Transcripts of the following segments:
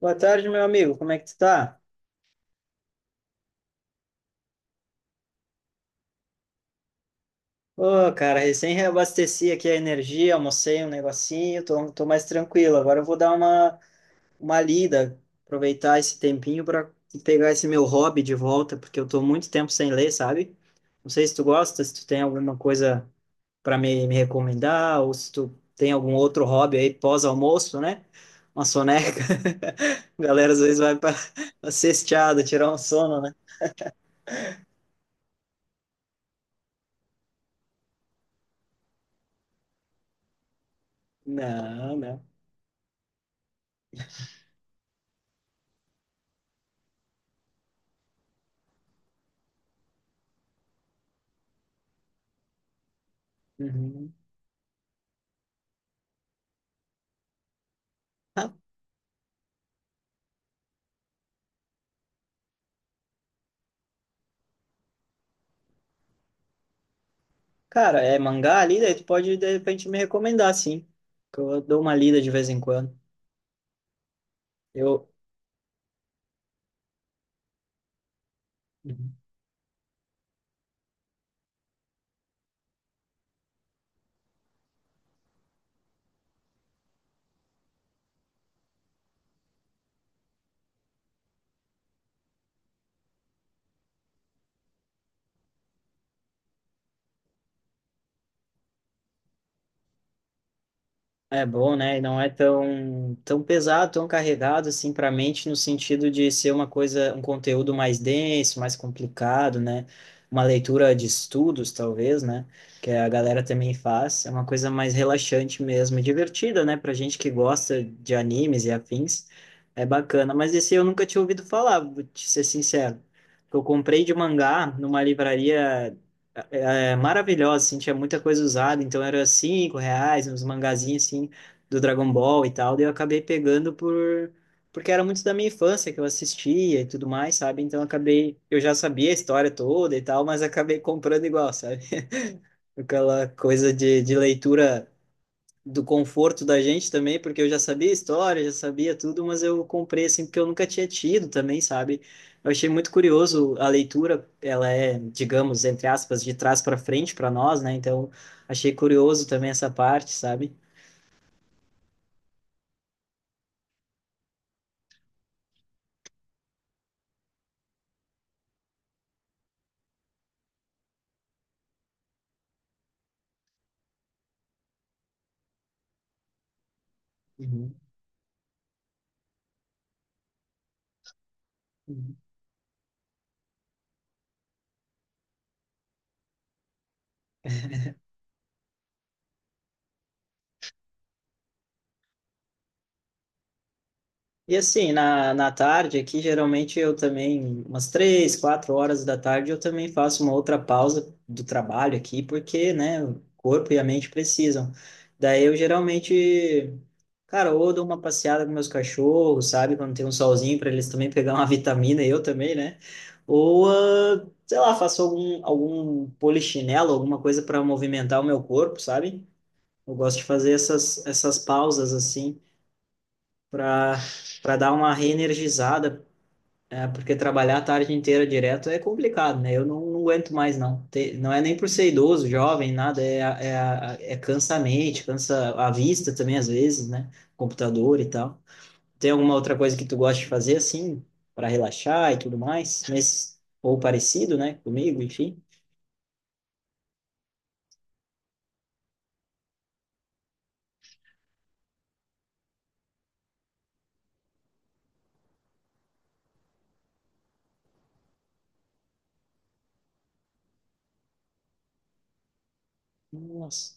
Boa tarde, meu amigo. Como é que tu tá? Ô, cara, recém reabasteci aqui a energia, almocei um negocinho, tô mais tranquilo. Agora eu vou dar uma lida, aproveitar esse tempinho para pegar esse meu hobby de volta, porque eu tô muito tempo sem ler, sabe? Não sei se tu gosta, se tu tem alguma coisa para me recomendar, ou se tu tem algum outro hobby aí pós-almoço, né? Uma soneca. A galera às vezes vai para pra cesteada, tirar um sono, né? Não, não. Uhum. Ah, cara, é mangá ali, daí tu pode de repente me recomendar, sim. Que eu dou uma lida de vez em quando. Eu. É bom, né? E não é tão pesado, tão carregado assim para a mente no sentido de ser uma coisa, um conteúdo mais denso, mais complicado, né? Uma leitura de estudos, talvez, né? Que a galera também faz. É uma coisa mais relaxante mesmo, e divertida, né? Pra gente que gosta de animes e afins, é bacana. Mas esse eu nunca tinha ouvido falar, vou te ser sincero. Eu comprei de mangá numa livraria é maravilhosa, assim, tinha muita coisa usada, então era cinco reais, uns mangazinhos, assim, do Dragon Ball e tal, daí eu acabei pegando por, porque era muito da minha infância, que eu assistia e tudo mais, sabe? Então eu acabei, eu já sabia a história toda e tal, mas acabei comprando igual, sabe? Aquela coisa de leitura do conforto da gente também, porque eu já sabia a história, já sabia tudo, mas eu comprei assim porque eu nunca tinha tido também, sabe? Eu achei muito curioso a leitura, ela é, digamos, entre aspas, de trás para frente para nós, né? Então, achei curioso também essa parte, sabe? Uhum. E assim, na tarde aqui, geralmente eu também, umas três, quatro horas da tarde, eu também faço uma outra pausa do trabalho aqui, porque, né, o corpo e a mente precisam. Daí eu geralmente, cara, ou dou uma passeada com meus cachorros, sabe, quando tem um solzinho para eles também pegar uma vitamina, eu também, né? Ou, ah, sei lá, faço algum polichinelo, alguma coisa para movimentar o meu corpo, sabe? Eu gosto de fazer essas pausas assim para para dar uma reenergizada, é, porque trabalhar a tarde inteira direto é complicado, né? Eu não aguento mais, não. Não é nem por ser idoso, jovem, nada, é, é cansa a mente, cansa a vista também, às vezes, né? Computador e tal. Tem alguma outra coisa que tu gosta de fazer, assim, para relaxar e tudo mais? Nesse, ou parecido, né? Comigo, enfim. Nossa.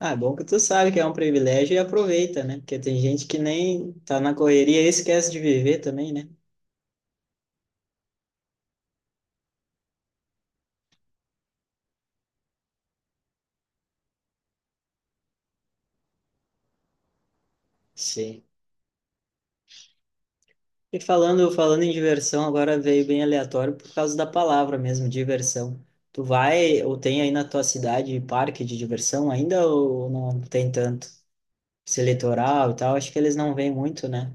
Ah, é bom que tu sabe que é um privilégio e aproveita, né? Porque tem gente que nem tá na correria e esquece de viver também, né? Sim. E falando em diversão, agora veio bem aleatório por causa da palavra mesmo, diversão. Tu vai ou tem aí na tua cidade parque de diversão ainda ou não tem tanto? Esse litoral e tal, acho que eles não vêm muito, né?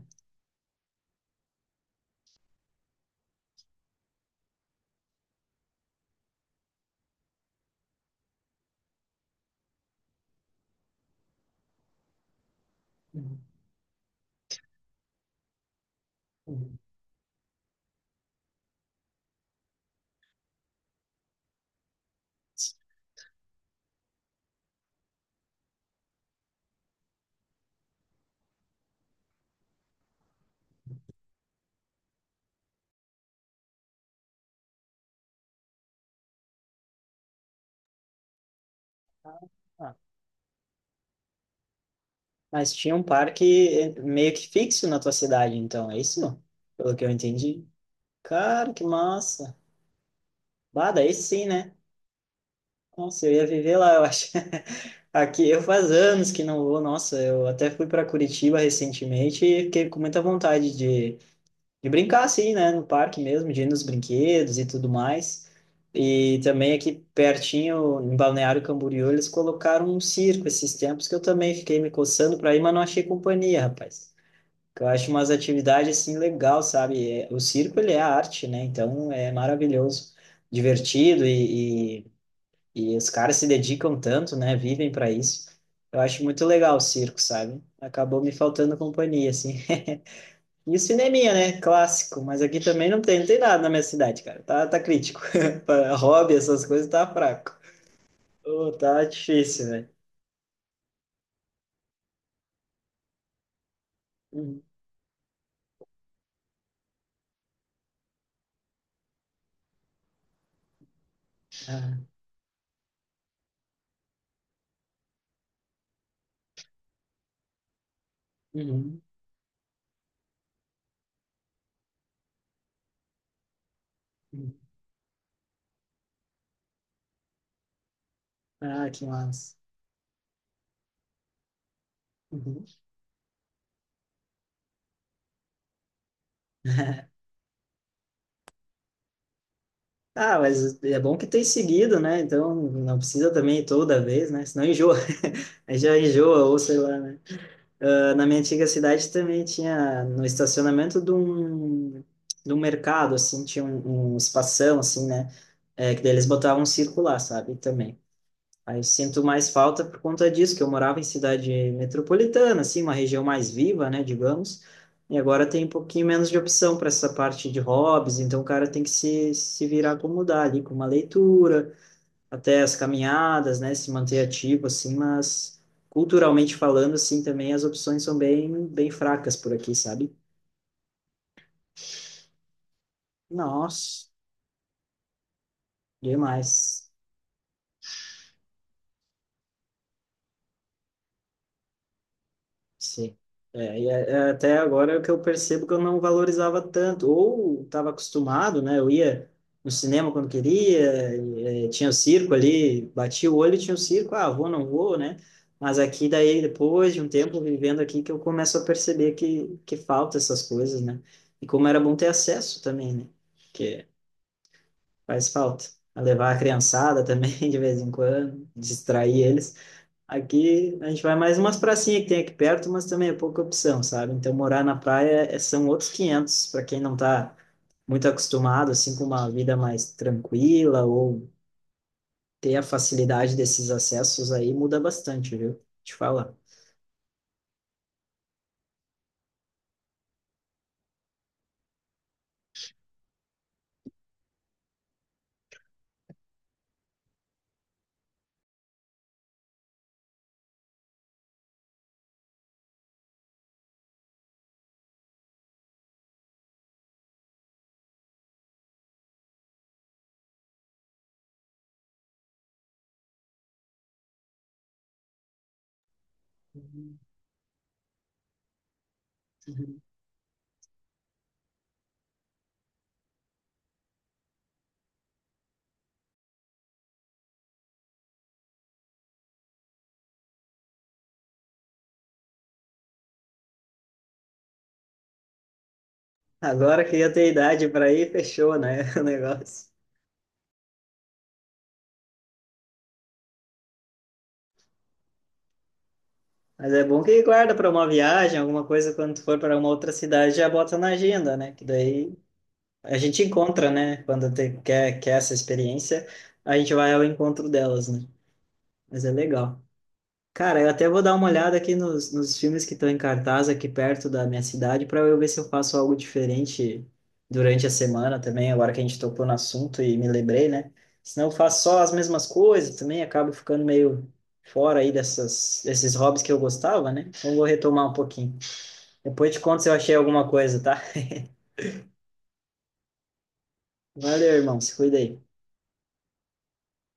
Uhum. Ah, mas tinha um parque meio que fixo na tua cidade, então, é isso? Pelo que eu entendi. Cara, que massa. Bah, daí sim, né? Nossa, eu ia viver lá, eu acho. Aqui eu faz anos que não vou, nossa, eu até fui para Curitiba recentemente e fiquei com muita vontade de brincar assim, né, no parque mesmo, de ir nos brinquedos e tudo mais. E também aqui pertinho, em Balneário Camboriú, eles colocaram um circo esses tempos que eu também fiquei me coçando para ir, mas não achei companhia, rapaz. Que eu acho umas atividades assim legal, sabe? É, o circo ele é arte, né? Então é maravilhoso, divertido e, e os caras se dedicam tanto, né? Vivem para isso. Eu acho muito legal o circo, sabe? Acabou me faltando companhia, assim. E o cineminha, né? Clássico. Mas aqui também não tem nada na minha cidade, cara. Tá crítico. Pra hobby, essas coisas, tá fraco. Ô, tá difícil, velho. Uhum. Ah, uhum. Uhum. Ah, que massa. Uhum. Ah, mas é bom que tem seguido, né? Então não precisa também ir toda vez, né? Senão enjoa. Aí já enjoa, ou sei lá, né? Ah, na minha antiga cidade também tinha no estacionamento de um mercado, assim, tinha um, um espação, assim, né? É, que daí eles botavam um circular, sabe? Também. Aí eu sinto mais falta por conta disso, que eu morava em cidade metropolitana, assim, uma região mais viva, né, digamos. E agora tem um pouquinho menos de opção para essa parte de hobbies, então o cara tem que se virar como dá ali, com uma leitura até as caminhadas, né, se manter ativo assim, mas culturalmente falando assim também as opções são bem fracas por aqui, sabe? Nossa, demais. Sim. É, é até agora é o que eu percebo que eu não valorizava tanto, ou estava acostumado, né? Eu ia no cinema quando queria, e, é, tinha o circo ali, batia o olho e tinha o circo, ah, vou, não vou, né? Mas aqui daí, depois de um tempo vivendo aqui, que eu começo a perceber que falta essas coisas, né? E como era bom ter acesso também, né? Que faz falta. A levar a criançada também, de vez em quando, distrair eles. Aqui a gente vai mais umas pracinhas que tem aqui perto, mas também é pouca opção, sabe? Então morar na praia são outros 500 para quem não tá muito acostumado assim com uma vida mais tranquila ou ter a facilidade desses acessos aí muda bastante, viu? Te falar. Uhum. Agora que eu tenho idade para ir, fechou, né, o negócio. Mas é bom que guarda para uma viagem, alguma coisa quando tu for para uma outra cidade, já bota na agenda, né? Que daí a gente encontra, né? Quando quer essa experiência, a gente vai ao encontro delas, né? Mas é legal. Cara, eu até vou dar uma olhada aqui nos filmes que estão em cartaz aqui perto da minha cidade para eu ver se eu faço algo diferente durante a semana também, agora que a gente tocou no assunto e me lembrei, né? Senão eu faço só as mesmas coisas também, acabo ficando meio fora aí dessas, desses hobbies que eu gostava, né? Então eu vou retomar um pouquinho. Depois te conto se eu achei alguma coisa, tá? Valeu, irmão. Se cuida aí.